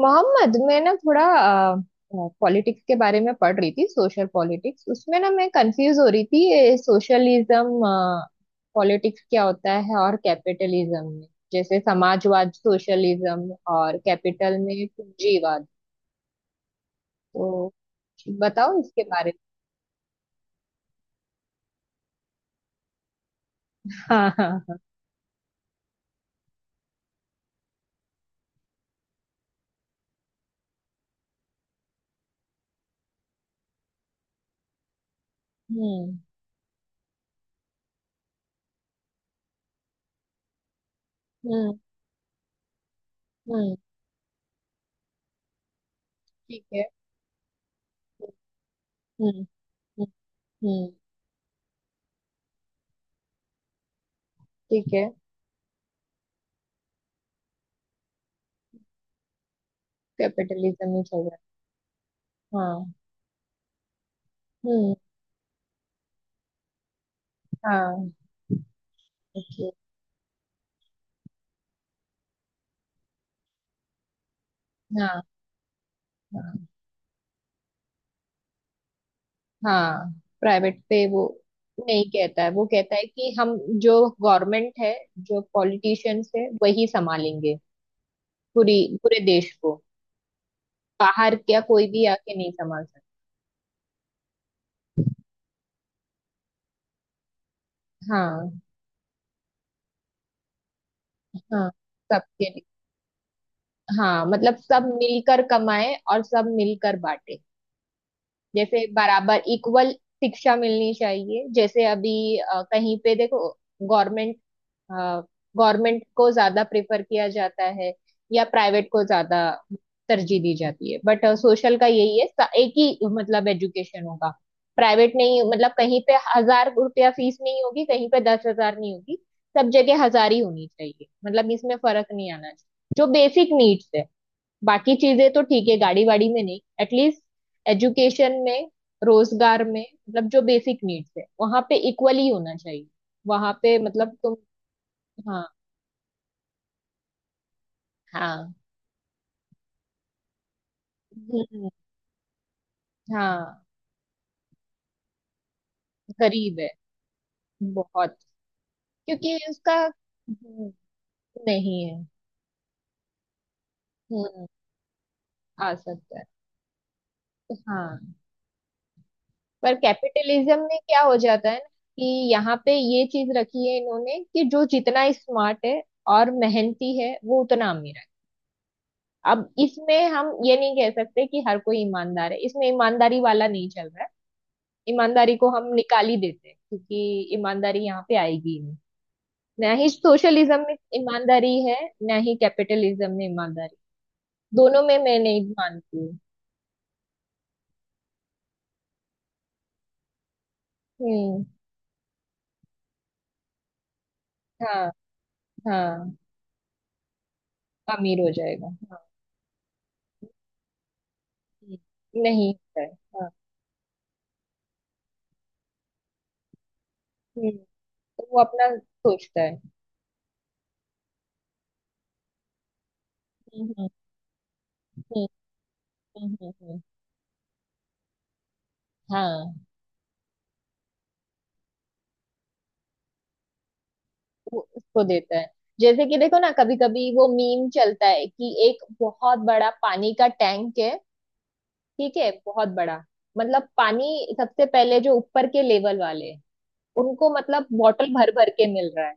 मोहम्मद, मैं ना थोड़ा पॉलिटिक्स के बारे में पढ़ रही थी। सोशल पॉलिटिक्स उसमें ना मैं कंफ्यूज हो रही थी। सोशलिज्म पॉलिटिक्स क्या होता है और कैपिटलिज्म में, जैसे समाजवाद सोशलिज्म और कैपिटल में पूंजीवाद। तो बताओ इसके बारे में। हाँ हाँ हाँ। हम्म। हम्म। हम्म। ठीक है। हम्म। हम्म। हम्म। ठीक है। कैपिटलिज्म ही चल रहा है। हाँ। हम्म। हाँ। ओके। हाँ। हाँ। हाँ। प्राइवेट पे वो नहीं कहता है। वो कहता है कि हम, जो गवर्नमेंट है, जो पॉलिटिशियंस है, वही संभालेंगे पूरी पूरे देश को। बाहर क्या कोई भी आके नहीं संभाल सकता। हाँ। हाँ। सबके लिए। हाँ, मतलब सब मिलकर कमाए और सब मिलकर बांटे। जैसे बराबर इक्वल शिक्षा मिलनी चाहिए। जैसे अभी कहीं पे देखो, गवर्नमेंट गवर्नमेंट को ज्यादा प्रेफर किया जाता है या प्राइवेट को ज्यादा तरजीह दी जाती है। बट सोशल का यही है, एक ही मतलब एजुकेशन होगा, प्राइवेट नहीं। मतलब कहीं पे 1,000 रुपया फीस नहीं होगी, कहीं पे 10,000 नहीं होगी, सब जगह 1,000 ही होनी चाहिए। मतलब इसमें फर्क नहीं आना चाहिए, जो बेसिक नीड्स है। बाकी चीजें तो ठीक है, गाड़ी वाड़ी में नहीं, एटलीस्ट एजुकेशन में, रोजगार में, मतलब जो बेसिक नीड्स है वहां पे इक्वली होना चाहिए। वहां पे, मतलब तुम, हाँ। हाँ। हम्म। हाँ। गरीब है, बहुत। क्योंकि उसका, नहीं है। हम्म। आ सकता है। तो हाँ। पर कैपिटलिज्म में क्या हो जाता है ना, कि यहाँ पे ये चीज रखी है इन्होंने कि जो जितना स्मार्ट है और मेहनती है वो उतना अमीर है। अब इसमें हम ये नहीं कह सकते कि हर कोई ईमानदार है। इसमें ईमानदारी वाला नहीं चल रहा है। ईमानदारी को हम निकाल ही देते हैं, क्योंकि ईमानदारी यहाँ पे आएगी, ना ही सोशलिज्म में ईमानदारी है ना ही कैपिटलिज्म में ईमानदारी। दोनों में मैं नहीं मानती हूँ। हम्म। हाँ। हाँ। अमीर हो जाएगा, हाँ। हम्म, नहीं होता है। हाँ। हम्म। तो वो अपना सोचता है। हम्म। हम्म। हम्म। हम्म। हम्म। हम्म। हाँ, वो उसको देता है। जैसे कि देखो ना, कभी कभी वो मीम चलता है कि एक बहुत बड़ा पानी का टैंक है, ठीक है, बहुत बड़ा। मतलब पानी सबसे पहले जो ऊपर के लेवल वाले, उनको मतलब बॉटल भर भर के मिल रहा है।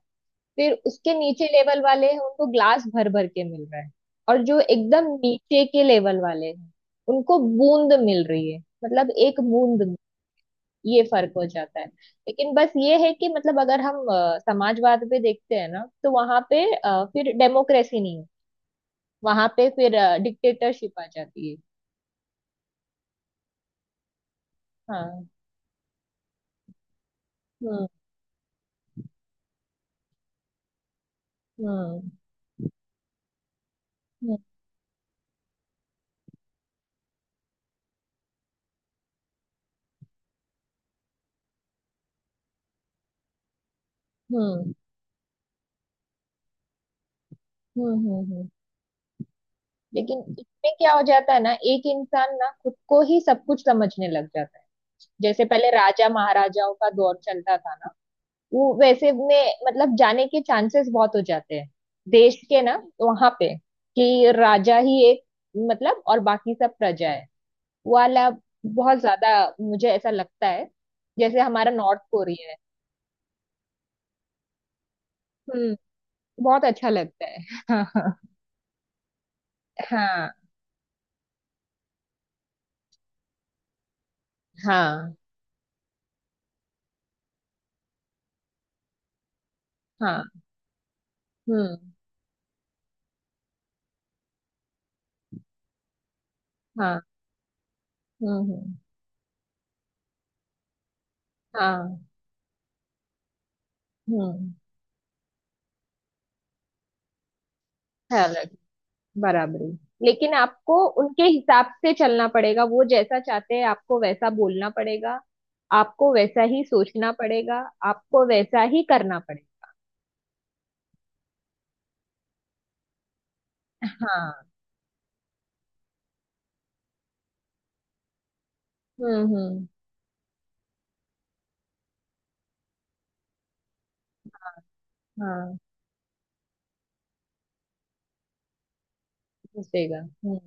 फिर उसके नीचे लेवल वाले हैं, उनको ग्लास भर भर के मिल रहा है। और जो एकदम नीचे के लेवल वाले हैं, उनको बूंद मिल रही है, मतलब एक बूंद में ये फर्क हो जाता है। लेकिन बस ये है कि मतलब अगर हम समाजवाद पे देखते हैं ना, तो वहां पे फिर डेमोक्रेसी नहीं है, वहां पे फिर डिक्टेटरशिप आ जाती है। हाँ। हम्म। हम्म। हम्म। हम्म। हम्म। हम्म। हम्म। हम्म। लेकिन इसमें क्या हो जाता है ना, एक इंसान ना खुद को ही सब कुछ समझने लग जाता है। जैसे पहले राजा महाराजाओं का दौर चलता था ना, वो वैसे में मतलब जाने के चांसेस बहुत हो जाते हैं देश के ना। वहां पे कि राजा ही एक, मतलब और बाकी सब प्रजा है वाला, बहुत ज्यादा। मुझे ऐसा लगता है जैसे हमारा नॉर्थ कोरिया है। हम्म। बहुत अच्छा लगता है। हाँ। हाँ। हाँ। हाँ। हाँ। हम्म। हाँ। हम्म। हम्म। हाँ। हम्म। सैलड, बराबरी। लेकिन आपको उनके हिसाब से चलना पड़ेगा, वो जैसा चाहते हैं आपको वैसा बोलना पड़ेगा, आपको वैसा ही सोचना पड़ेगा, आपको वैसा ही करना पड़ेगा। हाँ। हम्म। हम्म। हाँ, घुसेगा। हम्म।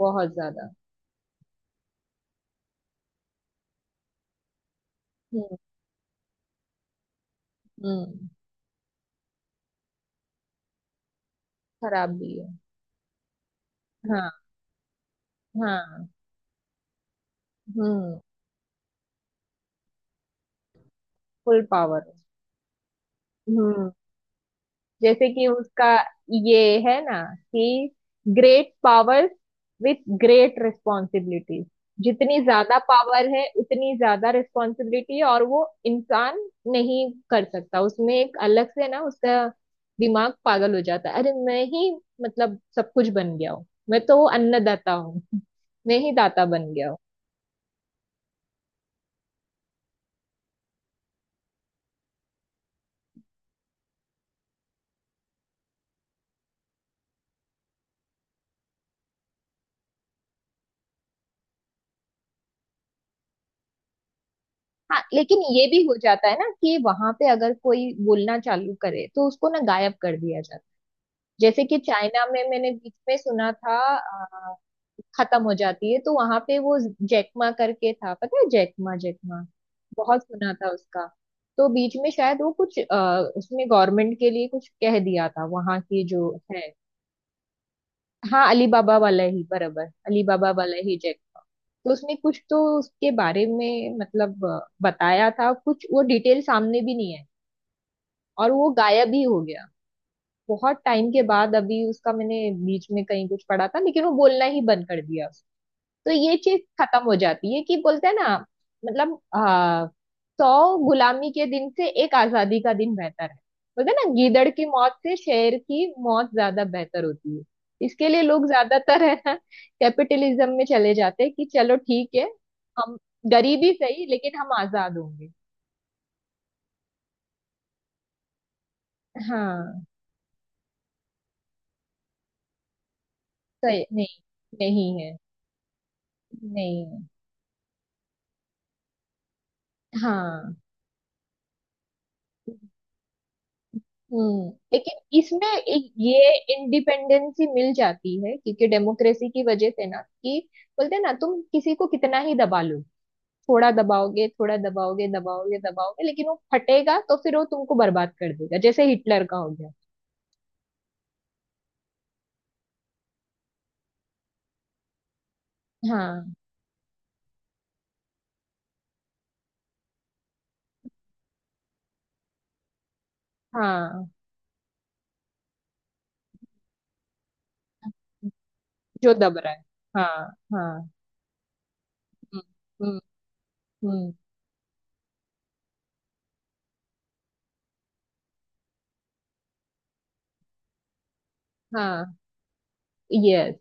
बहुत ज्यादा। हम्म। हम्म। खराब भी है। हाँ। हाँ। हम्म। Full power. हम्म। जैसे कि उसका ये है ना, कि great powers with great responsibilities, जितनी ज्यादा पावर है उतनी ज्यादा रिस्पॉन्सिबिलिटी और वो इंसान नहीं कर सकता। उसमें एक अलग से ना, उसका दिमाग पागल हो जाता है, अरे मैं ही, मतलब सब कुछ बन गया हूँ, मैं तो अन्नदाता हूँ। मैं ही दाता बन गया हूँ। हाँ, लेकिन ये भी हो जाता है ना कि वहां पे अगर कोई बोलना चालू करे तो उसको ना गायब कर दिया जाता है। जैसे कि चाइना में मैंने बीच में सुना था, खत्म हो जाती है तो वहां पे वो जैकमा करके था, पता है, जैकमा जैकमा, बहुत सुना था उसका। तो बीच में शायद वो कुछ, उसने गवर्नमेंट के लिए कुछ कह दिया था वहां की जो है। हाँ, अली बाबा वाला ही, बराबर, अली बाबा वाला ही जैकमा। तो उसने कुछ तो उसके बारे में मतलब, बताया था, कुछ वो डिटेल सामने भी नहीं है। और वो गायब ही हो गया। बहुत टाइम के बाद अभी उसका मैंने बीच में कहीं कुछ पढ़ा था, लेकिन वो बोलना ही बंद कर दिया उसने। तो ये चीज खत्म हो जाती है कि बोलते हैं ना, मतलब 100 गुलामी के दिन से एक आजादी का दिन बेहतर है। बोलते हैं ना, गीदड़ की मौत से शेर की मौत ज्यादा बेहतर होती है। इसके लिए लोग ज्यादातर है ना कैपिटलिज्म में चले जाते हैं कि चलो ठीक है, हम गरीबी सही लेकिन हम आजाद होंगे। हाँ। सही नहीं, नहीं है। नहीं है। हाँ। हम्म। लेकिन इसमें एक ये इंडिपेंडेंसी मिल जाती है क्योंकि डेमोक्रेसी की वजह से ना, कि बोलते हैं ना, तुम किसी को कितना ही दबा लो, थोड़ा दबाओगे दबाओगे दबाओगे, लेकिन वो फटेगा तो फिर वो तुमको बर्बाद कर देगा, जैसे हिटलर का हो गया। हाँ। हाँ, जो दब रहा है। हाँ। हाँ। हम्म। हम्म। हम्म। हाँ। यस,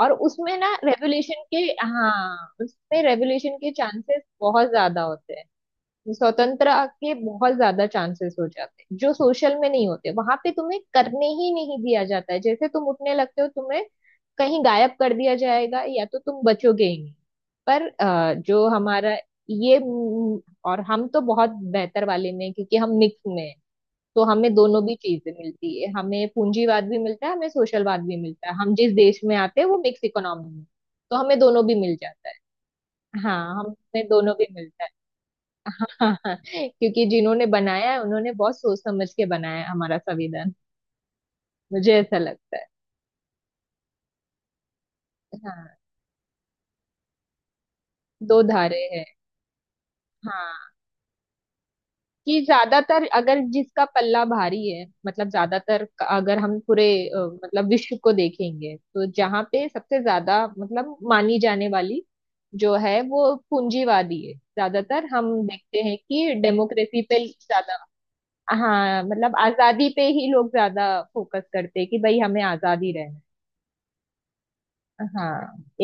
और उसमें ना रेवोल्यूशन के, हाँ उसमें रेवोल्यूशन के चांसेस बहुत ज्यादा होते हैं। स्वतंत्रता के बहुत ज्यादा चांसेस हो जाते हैं, जो सोशल में नहीं होते। वहां पे तुम्हें करने ही नहीं दिया जाता है, जैसे तुम उठने लगते हो तुम्हें कहीं गायब कर दिया जाएगा, या तो तुम बचोगे ही नहीं। पर जो हमारा ये म, और हम तो बहुत बेहतर वाले में हैं, क्योंकि हम मिक्स में हैं। तो हमें दोनों भी चीजें मिलती है, हमें पूंजीवाद भी मिलता है हमें सोशलवाद भी मिलता है। हम जिस देश में आते हैं वो मिक्स इकोनॉमी में, तो हमें दोनों भी मिल जाता है। हाँ, हमें दोनों भी मिलता है। हाँ हाँ, क्योंकि जिन्होंने बनाया है उन्होंने बहुत सोच समझ के बनाया है हमारा संविधान। मुझे ऐसा लगता है। हाँ, दो धारे हैं। हाँ, कि ज्यादातर अगर जिसका पल्ला भारी है, मतलब ज्यादातर अगर हम पूरे, मतलब विश्व को देखेंगे, तो जहाँ पे सबसे ज्यादा मतलब मानी जाने वाली जो है वो पूंजीवादी है। ज्यादातर हम देखते हैं कि डेमोक्रेसी पे ज्यादा, हाँ मतलब आजादी पे ही लोग ज्यादा फोकस करते हैं कि भाई हमें आजादी रहे। हाँ।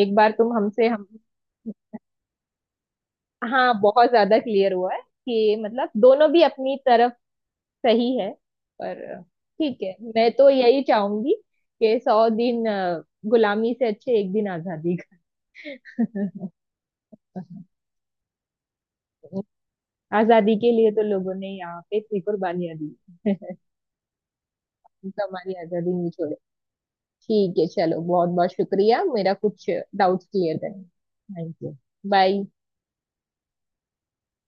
एक बार तुम हमसे, हम, हाँ बहुत ज्यादा क्लियर हुआ है कि मतलब दोनों भी अपनी तरफ सही है। पर ठीक है, मैं तो यही चाहूंगी कि 100 दिन गुलामी से अच्छे एक दिन आजादी का। आजादी के लिए तो लोगों ने यहाँ पे इतनी कुर्बानियां दी, तो हमारी आजादी नहीं छोड़े। ठीक है चलो, बहुत बहुत शुक्रिया मेरा कुछ डाउट्स क्लियर करने। Thank you. बाय।